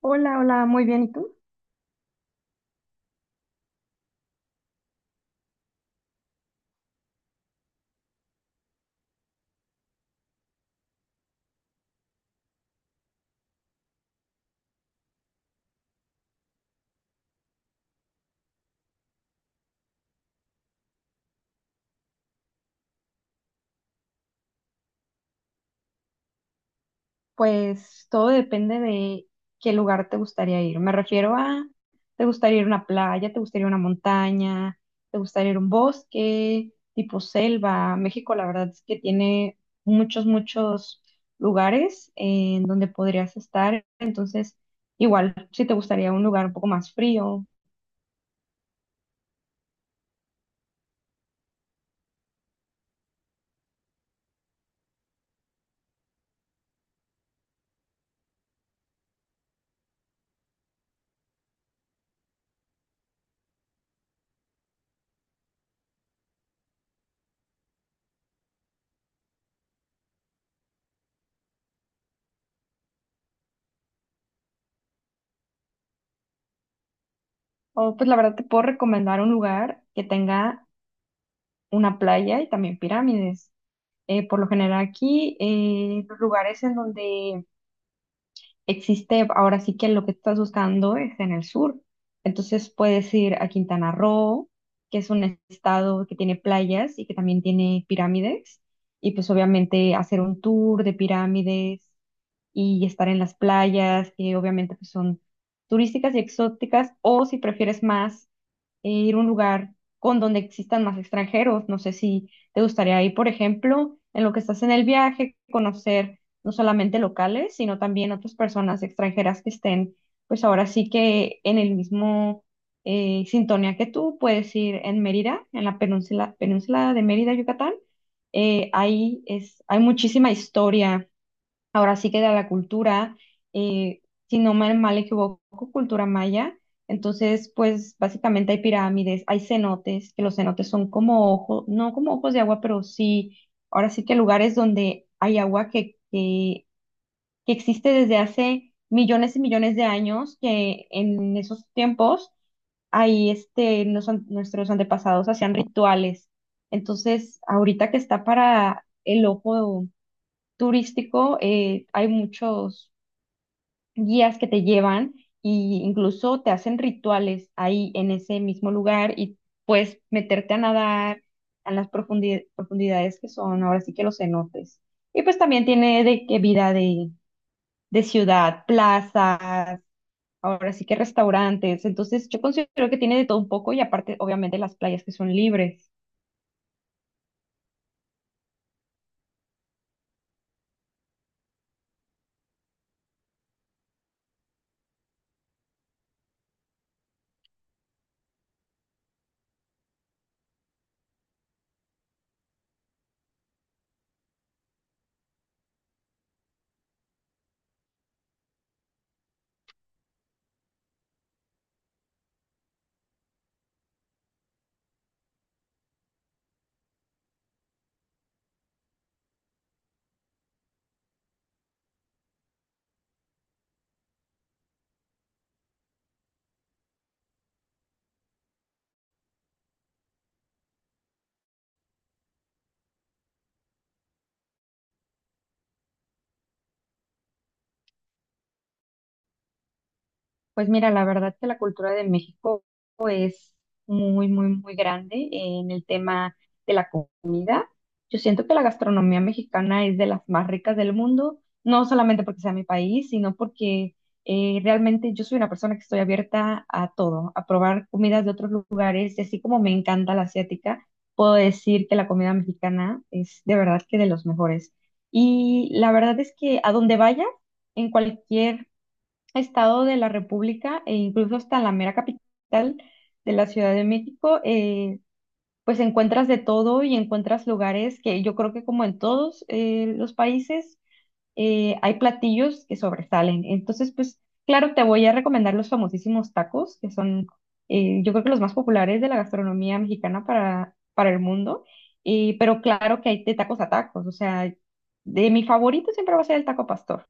Hola, hola, muy bien. ¿Y tú? Pues todo depende de qué lugar te gustaría ir. Me refiero a, ¿te gustaría ir a una playa? ¿Te gustaría ir a una montaña? ¿Te gustaría ir a un bosque tipo selva? México, la verdad es que tiene muchos, muchos lugares en donde podrías estar. Entonces, igual, si te gustaría un lugar un poco más frío, o pues la verdad te puedo recomendar un lugar que tenga una playa y también pirámides. Por lo general aquí, los lugares en donde existe, ahora sí que lo que estás buscando es en el sur. Entonces puedes ir a Quintana Roo, que es un estado que tiene playas y que también tiene pirámides. Y pues obviamente hacer un tour de pirámides y estar en las playas, que obviamente pues, son turísticas y exóticas. O si prefieres más e ir a un lugar con donde existan más extranjeros. No sé si te gustaría ir, por ejemplo, en lo que estás en el viaje, conocer no solamente locales, sino también otras personas extranjeras que estén, pues ahora sí que en el mismo sintonía que tú. Puedes ir en Mérida, en la península, península de Mérida, Yucatán. Ahí es, hay muchísima historia. Ahora sí que de la cultura, eh, si no me mal equivoco, cultura maya. Entonces, pues básicamente hay pirámides, hay cenotes, que los cenotes son como ojos, no como ojos de agua, pero sí, ahora sí que lugares donde hay agua que existe desde hace millones y millones de años, que en esos tiempos ahí este, nuestros antepasados hacían rituales. Entonces, ahorita que está para el ojo turístico, hay muchos guías que te llevan y incluso te hacen rituales ahí en ese mismo lugar y puedes meterte a nadar en las profundidades que son ahora sí que los cenotes. Y pues también tiene de que vida de ciudad, plazas, ahora sí que restaurantes. Entonces yo considero que tiene de todo un poco y aparte obviamente las playas que son libres. Pues mira, la verdad que la cultura de México muy, muy, muy grande en el tema de la comida. Yo siento que la gastronomía mexicana es de las más ricas del mundo, no solamente porque sea mi país, sino porque realmente yo soy una persona que estoy abierta a todo, a probar comidas de otros lugares y así como me encanta la asiática, puedo decir que la comida mexicana es de verdad que de los mejores. Y la verdad es que a donde vaya, en cualquier estado de la República e incluso hasta la mera capital de la Ciudad de México, pues encuentras de todo y encuentras lugares que yo creo que como en todos los países hay platillos que sobresalen. Entonces, pues claro, te voy a recomendar los famosísimos tacos, que son yo creo que los más populares de la gastronomía mexicana para el mundo. Pero claro que hay de tacos a tacos, o sea, de mi favorito siempre va a ser el taco pastor,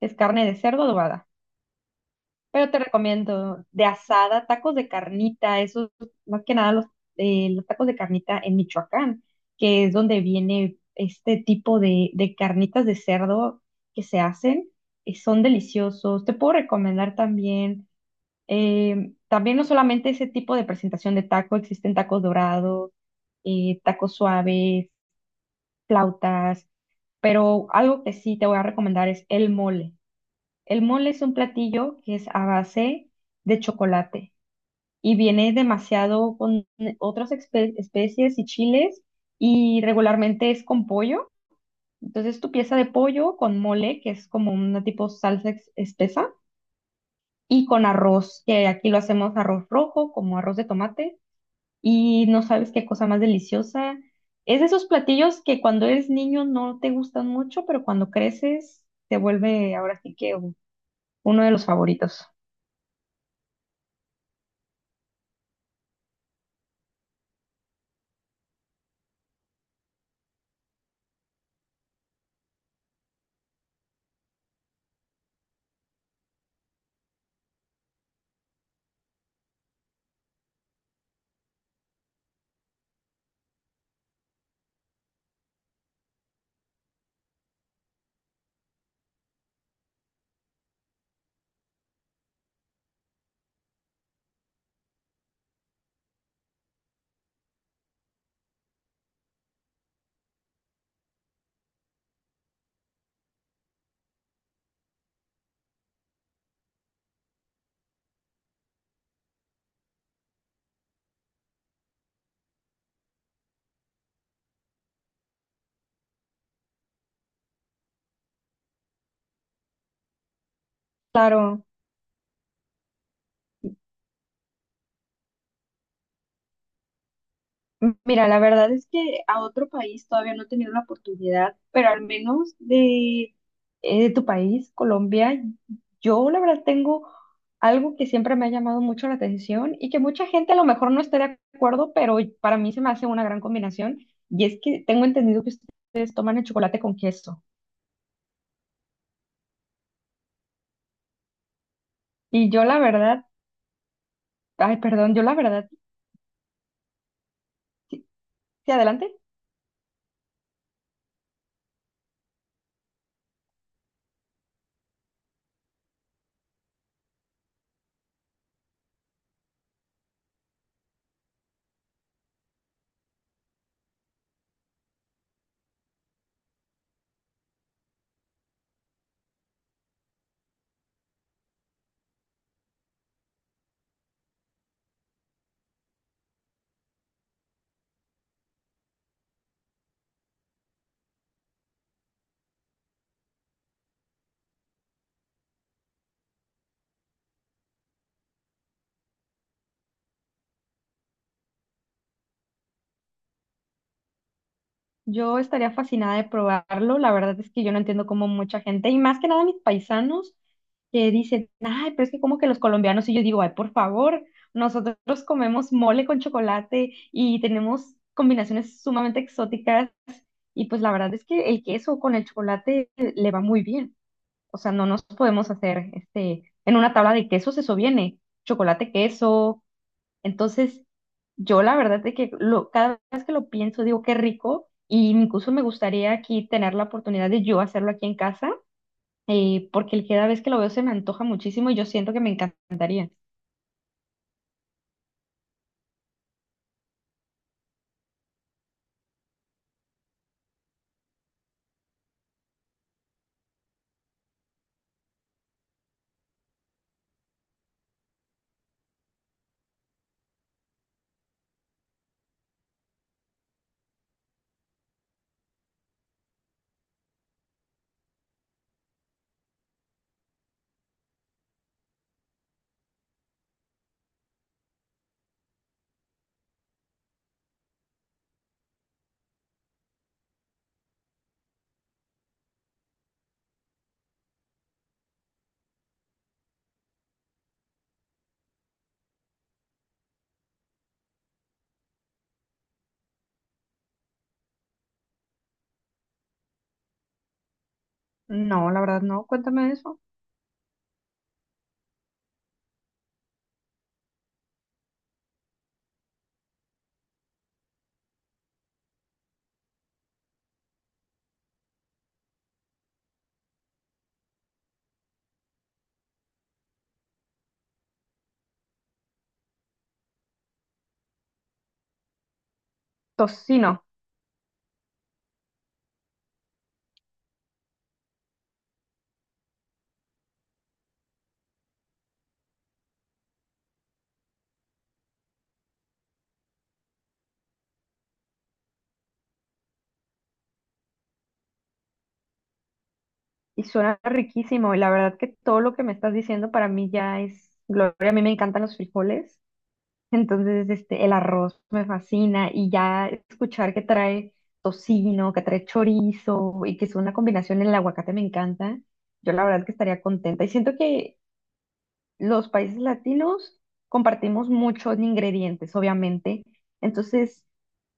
que es carne de cerdo adobada. Pero te recomiendo de asada, tacos de carnita, esos, más que nada los, los tacos de carnita en Michoacán, que es donde viene este tipo de carnitas de cerdo que se hacen, son deliciosos. Te puedo recomendar también, también no solamente ese tipo de presentación de taco, existen tacos dorados, tacos suaves, flautas, pero algo que sí te voy a recomendar es el mole. El mole es un platillo que es a base de chocolate y viene demasiado con otras especies y chiles y regularmente es con pollo. Entonces tu pieza de pollo con mole, que es como una tipo salsa espesa, y con arroz, que aquí lo hacemos arroz rojo, como arroz de tomate, y no sabes qué cosa más deliciosa. Es de esos platillos que cuando eres niño no te gustan mucho, pero cuando creces te vuelve ahora sí que uno de los favoritos. Claro. Mira, la verdad es que a otro país todavía no he tenido la oportunidad, pero al menos de tu país, Colombia, yo la verdad tengo algo que siempre me ha llamado mucho la atención y que mucha gente a lo mejor no esté de acuerdo, pero para mí se me hace una gran combinación y es que tengo entendido que ustedes toman el chocolate con queso. Y yo la verdad, ay, perdón, yo la verdad, sí, sí, adelante. Yo estaría fascinada de probarlo. La verdad es que yo no entiendo cómo mucha gente, y más que nada mis paisanos, que dicen, ay, pero es que como que los colombianos, y yo digo, ay, por favor, nosotros comemos mole con chocolate y tenemos combinaciones sumamente exóticas y pues la verdad es que el queso con el chocolate le va muy bien. O sea, no nos podemos hacer, este, en una tabla de quesos eso viene, chocolate, queso. Entonces, yo la verdad es que lo, cada vez que lo pienso digo, qué rico y incluso me gustaría aquí tener la oportunidad de yo hacerlo aquí en casa porque el- cada vez que lo veo se me antoja muchísimo y yo siento que me encantaría. No, la verdad no, cuéntame de eso. Tocino, y suena riquísimo, y la verdad que todo lo que me estás diciendo para mí ya es gloria. A mí me encantan los frijoles, entonces este, el arroz me fascina y ya escuchar que trae tocino, que trae chorizo y que es una combinación, en el aguacate me encanta. Yo la verdad que estaría contenta y siento que los países latinos compartimos muchos ingredientes, obviamente. Entonces,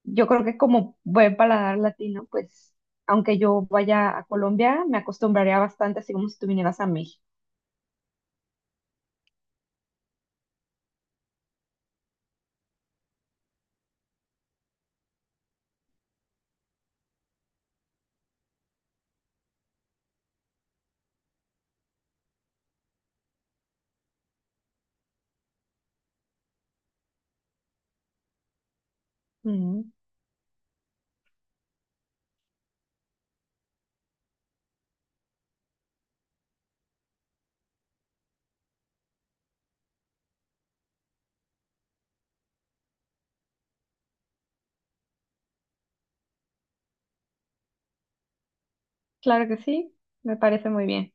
yo creo que como buen paladar latino, pues, aunque yo vaya a Colombia, me acostumbraría bastante, así como si tú vinieras a México. Mm, claro que sí, me parece muy bien.